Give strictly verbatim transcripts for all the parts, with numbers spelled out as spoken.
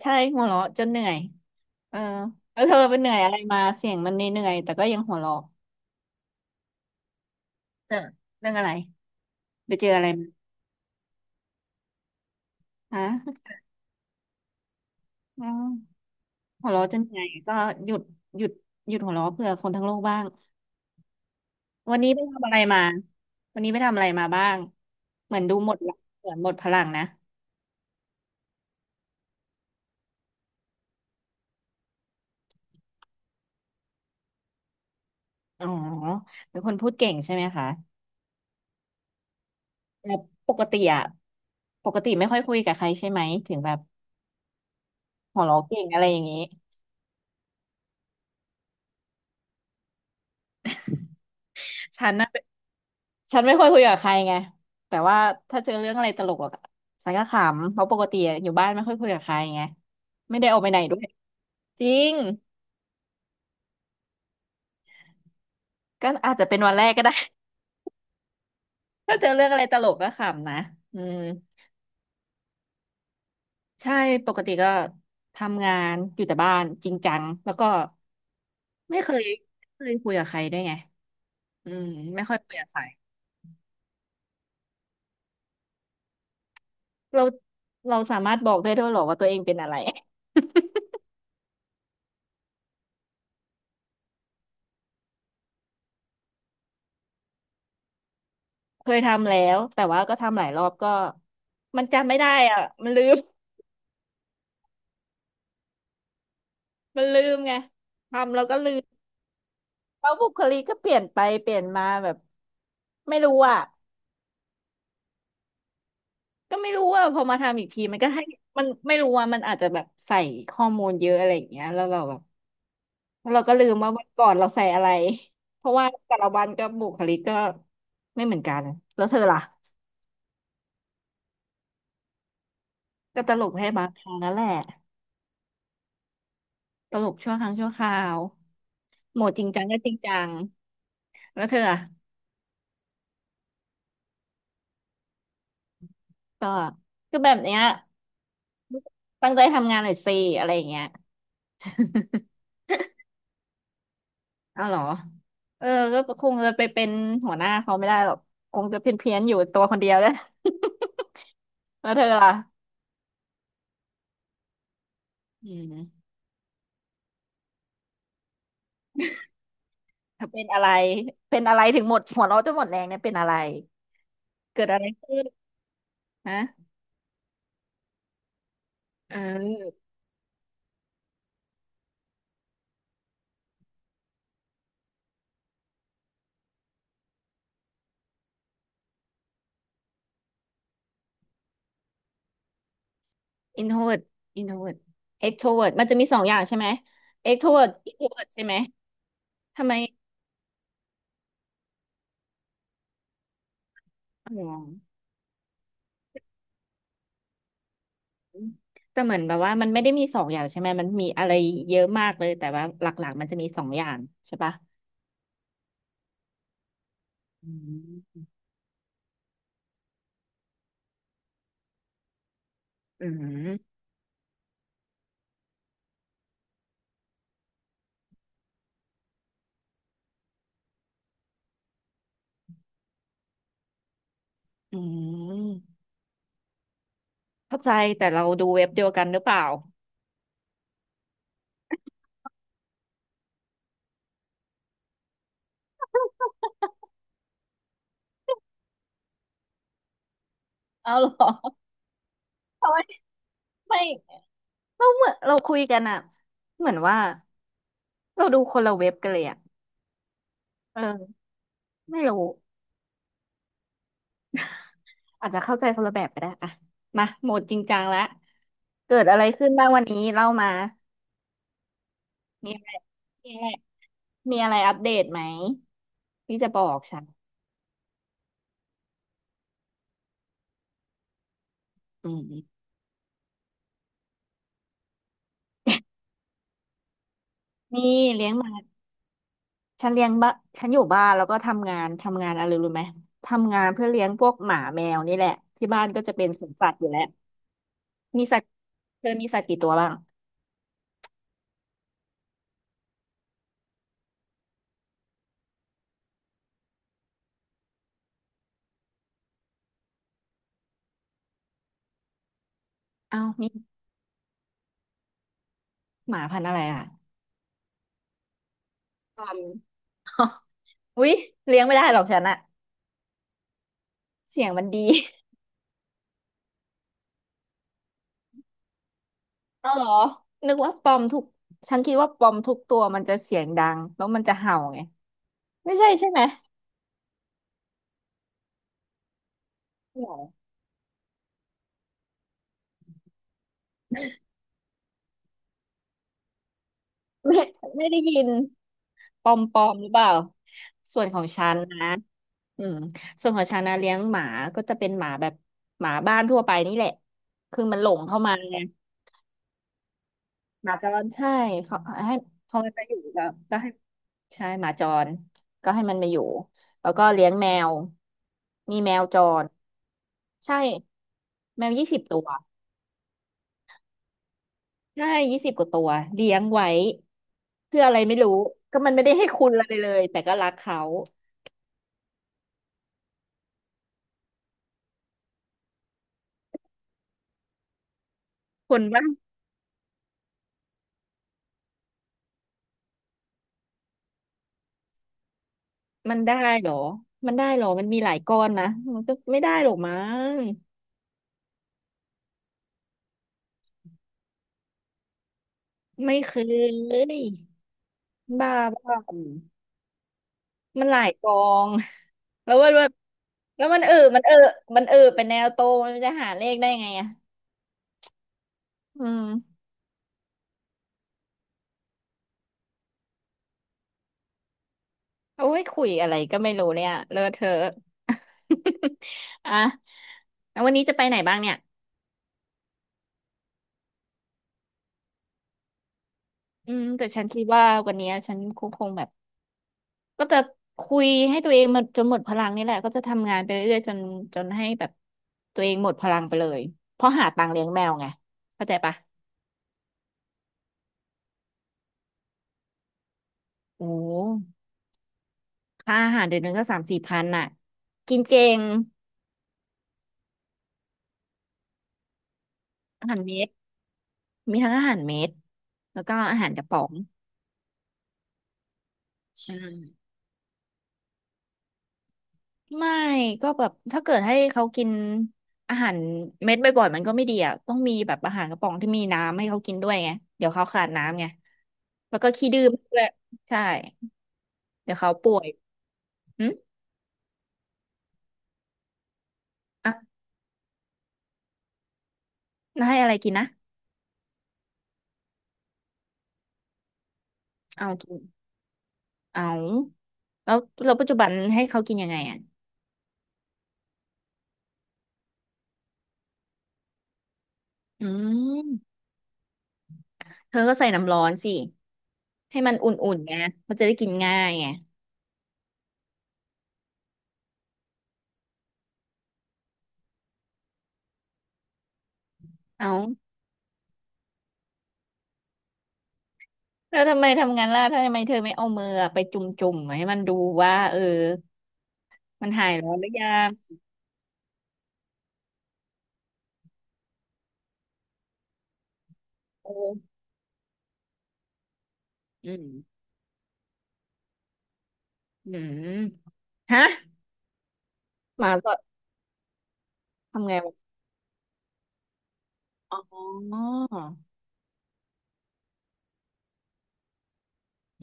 ใช่หัวเราะจนเหนื่อยเออแล้วเธอไปเหนื่อยอะไรมาเสียงมันเหนื่อยๆแต่ก็ยังหัวเราะเออเรื่องอะไรไปเจออะไรมาฮะอืมหัวเราะจนเหนื่อยก็หยุดหยุดหยุดหัวเราะเพื่อคนทั้งโลกบ้างวันนี้ไปทำอะไรมาวันนี้ไปทำอะไรมาบ้างเหมือนดูหมดละเหมือนหมดพลังนะอ๋อเป็นคนพูดเก่งใช่ไหมคะแต่ปกติอะปกติไม่ค่อยคุยกับใครใช่ไหมถึงแบบหัวเราะเก่งอะไรอย่างนี้ฉันน่ะ ฉันไม่ค่อยคุยกับใครไงแต่ว่าถ้าเจอเรื่องอะไรตลกอะฉันก็ขำเพราะปกติอยู่บ้านไม่ค่อยคุยกับใครไงไม่ได้ออกไปไหนด้วยจริงก็อาจจะเป็นวันแรกก็ได้ ถ้าเจอเรื่องอะไรตลกก็ขำนะอืมใช่ปกติก็ทำงานอยู่แต่บ้านจริงจังแล้วก็ไม่เคยไม่เคยคุยกับใครด้วยไงอืมไม่ค่อยคุยกับใครเราเราสามารถบอกได้ด้วยเหรอว่าตัวเองเป็นอะไร เคยทำแล้วแต่ว่าก็ทำหลายรอบก็มันจำไม่ได้อ่ะมันลืม มันลืมไงทำแล้วก็ลืมแล้วบุคลิกก็เปลี่ยนไปเปลี่ยนมาแบบไม่รู้อ่ะก็ไม่รู้ว่าพอมาทำอีกทีมันก็ให้มันไม่รู้ว่ามันอาจจะแบบใส่ข้อมูลเยอะอะไรอย่างเงี้ยแล้วเราแบบแล้วเราก็ลืมว่าวันก่อนเราใส่อะไรเพราะว่าแต่ละวันก็บุคลิกก็ไม่เหมือนกันแล้วเธอล่ะก็ตลกให้บางครั้งนั่นแหละตลกชั่วครั้งชั่วคราว โหมดจริงจังก็จริงจังแล้วเธออะก็ก็แบบเนี้ยตั้งใจทำงานหน่อยสิอะไรอย่างเงี้ยเอาเหรอเออก็คงจะไปเป็นหัวหน้าเขาไม่ได้หรอกคงจะเพี้ยนเพียนอยู่ตัวคนเดียวแหล้ว แล้วเธอล่ะอืมเธอเป็นอะไรเป็นอะไรถึงหมดหัวเราะจนหมดแรงเนี่ยเป็นอะไรเกิดอะไรขึ้นฮะเออ introvert introvert extrovert มันจะมีสองอย่างใช่ไหม extrovert introvert ใช่ไหมทำไมอ๋อ แต่เหมือนแบบว่ามันไม่ได้มีสองอย่างใช่ไหมมันมีอะไรเยอะมากเลยแต่ว่าหลักๆมันจะมีสองอย่างใช่ปะอืมอืมอืมเข้าใจแต่เราดูเว็บเดียวกันหรือเปล่าเอาเหรอทำไมไม่เราเหมือนเราคุยกันอะเหมือนว่าเราดูคนละเว็บกันเลยอะเออไม่รู้อาจจะเข้าใจคนละแบบก็ได้อะมาโหมดจริงจังแล้วเกิดอะไรขึ้นบ้างวันนี้เล่ามามีอะไรมีอะไรมีอะไรอัปเดตไหมที่จะบอกฉัน อืมนี่เลี้ยงหมาฉันเลี้ยงบ้าฉันอยู่บ้านแล้วก็ทำงานทำงานอะไรรู้ไหมทำงานเพื่อเลี้ยงพวกหมาแมวนี่แหละที่บ้านก็จะเป็นสวนสัตว์อยู่แล้วมีสัตว์เธอมีสัตว์กี่ตัวบ้างเอาวมีหมาพันธุ์อะไรอ่ะปอมอุ๊ยเลี้ยงไม่ได้หรอกฉันอะเสียงมันดีเอาเหรอนึกว่าปอมทุกฉันคิดว่าปอมทุกตัวมันจะเสียงดังแล้วมันจะเห่าไงไม่ใช่ใช่ไหมหรอ ไม่ไม่ได้ยินปอมปอมหรือเปล่าส่วนของฉันนะอืมส่วนของฉันนะเลี้ยงหมาก็จะเป็นหมาแบบหมาบ้านทั่วไปนี่แหละคือมันหลงเข้ามาไงหมาจรใช่เขาให้พอมันไปอยู่แล้วก็ให้ใช่หมาจรก็ให้มันมาอยู่แล้วก็เลี้ยงแมวมีแมวจรใช่แมวยี่สิบตัวใช่ยี่สิบกว่าตัวเลี้ยงไว้เพื่ออะไรไม่รู้ก็มันไม่ได้ให้คุณอะไรเลยแต่ก็รักเขา คนบ้างมันได้เหรอ มันได้เหรอมันมีหลายก้อนนะมันก็ไม่ได้หรอกมั้งไม่เคยบ้าบ้ามันหลายกองแล้วว่าแบบแล้วมันเออมันเออมันเออเป็นแนวโตมันจะหาเลขได้ไงอ่ะอืมโอ้ยคุยอะไรก็ไม่รู้เนี่ยเลอะเทอะ อ่ะแล้ววันนี้จะไปไหนบ้างเนี่ยอืมแต่ฉันคิดว่าวันนี้ฉันคงคงแบบ ก็จะคุยให้ตัวเองมันจนหมดพลังนี่แหละก็จะทำงานไปเรื่อยๆจนจนให้แบบตัวเองหมดพลังไปเลยเพราะหาตังค์เลี้ยงแมวไงเข้าใจปะโอ้ค่าอาหารเดือนหนึงก็สามสี่พันน่ะกินเก่งอาหารเม็ดมีทั้งอาหารเม็ดแล้วก็อาหารกระป๋องใช่ไม่ก็แบบถ้าเกิดให้เขากินอาหารเม็ดบ่อยๆมันก็ไม่ดีอ่ะต้องมีแบบอาหารกระป๋องที่มีน้ำให้เขากินด้วยไงเดี๋ยวเขาขาดน้ำไงแล้วก็ขี้ดื้อด้วยใช่ เดี๋ยวเขาป่วยอืมอ่ะแล้วให้อะไรกินนะเอากินเอาแล้วแล้วปัจจุบันให้เขากินยังไงอ่ะอืมเธอก็ใส่น้ำร้อนสิให้มันอุ่นๆไงเขาจะได้กินง่ายไงเอาแล้วทำไมทำงานล่ะทำไมเธอไม่เอามือไปจุ่มจุ่มให้มันดูว่าเออมันหายร้อนหรือยังเอออืมอืมฮะหมาสดทำไงวะอ๋อ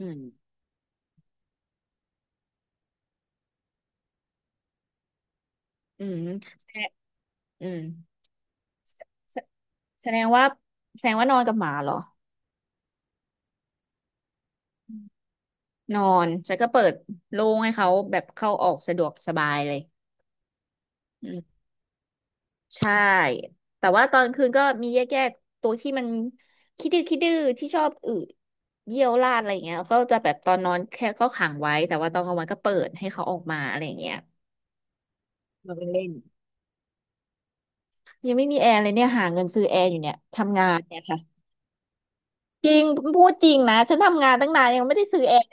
อืมอืมแทะอืม แสแสดงว่าแสดงว่านอนกับหมาเหรอนอนฉันก็เปิดโล่งให้เขาแบบเข้าออกสะดวกสบายเลยอืมใช่แต่ว่าตอนคืนก็มีแยกๆตัวที่มันคิดดื้อคิดดื้อที่ชอบอืดเยี่ยวราดอะไรอย่างเงี้ยเขาจะแบบตอนนอนแค่ก็ขังไว้แต่ว่าตอนกลางวันก็เปิดให้เขาออกมาอะไรอย่างเงี้ยมาเล่นยังไม่มีแอร์เลยเนี่ยหาเงินซื้อแอร์อยู่เนี่ยทำงานเนี่ยค่ะจริงพูดจริงนะฉันทำงานตั้งนานยังไม่ได้ซื้อแอร์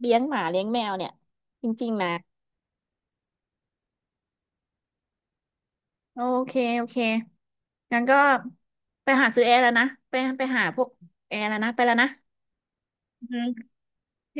เลี้ยงหมาเลี้ยงแมวเนี่ยจริงๆนะโอเคโอเคงั้นก็ไปหาซื้อแอร์แล้วนะไปไปหาพวกแอร์แล้วนะไปแล้วนะอืมโอเค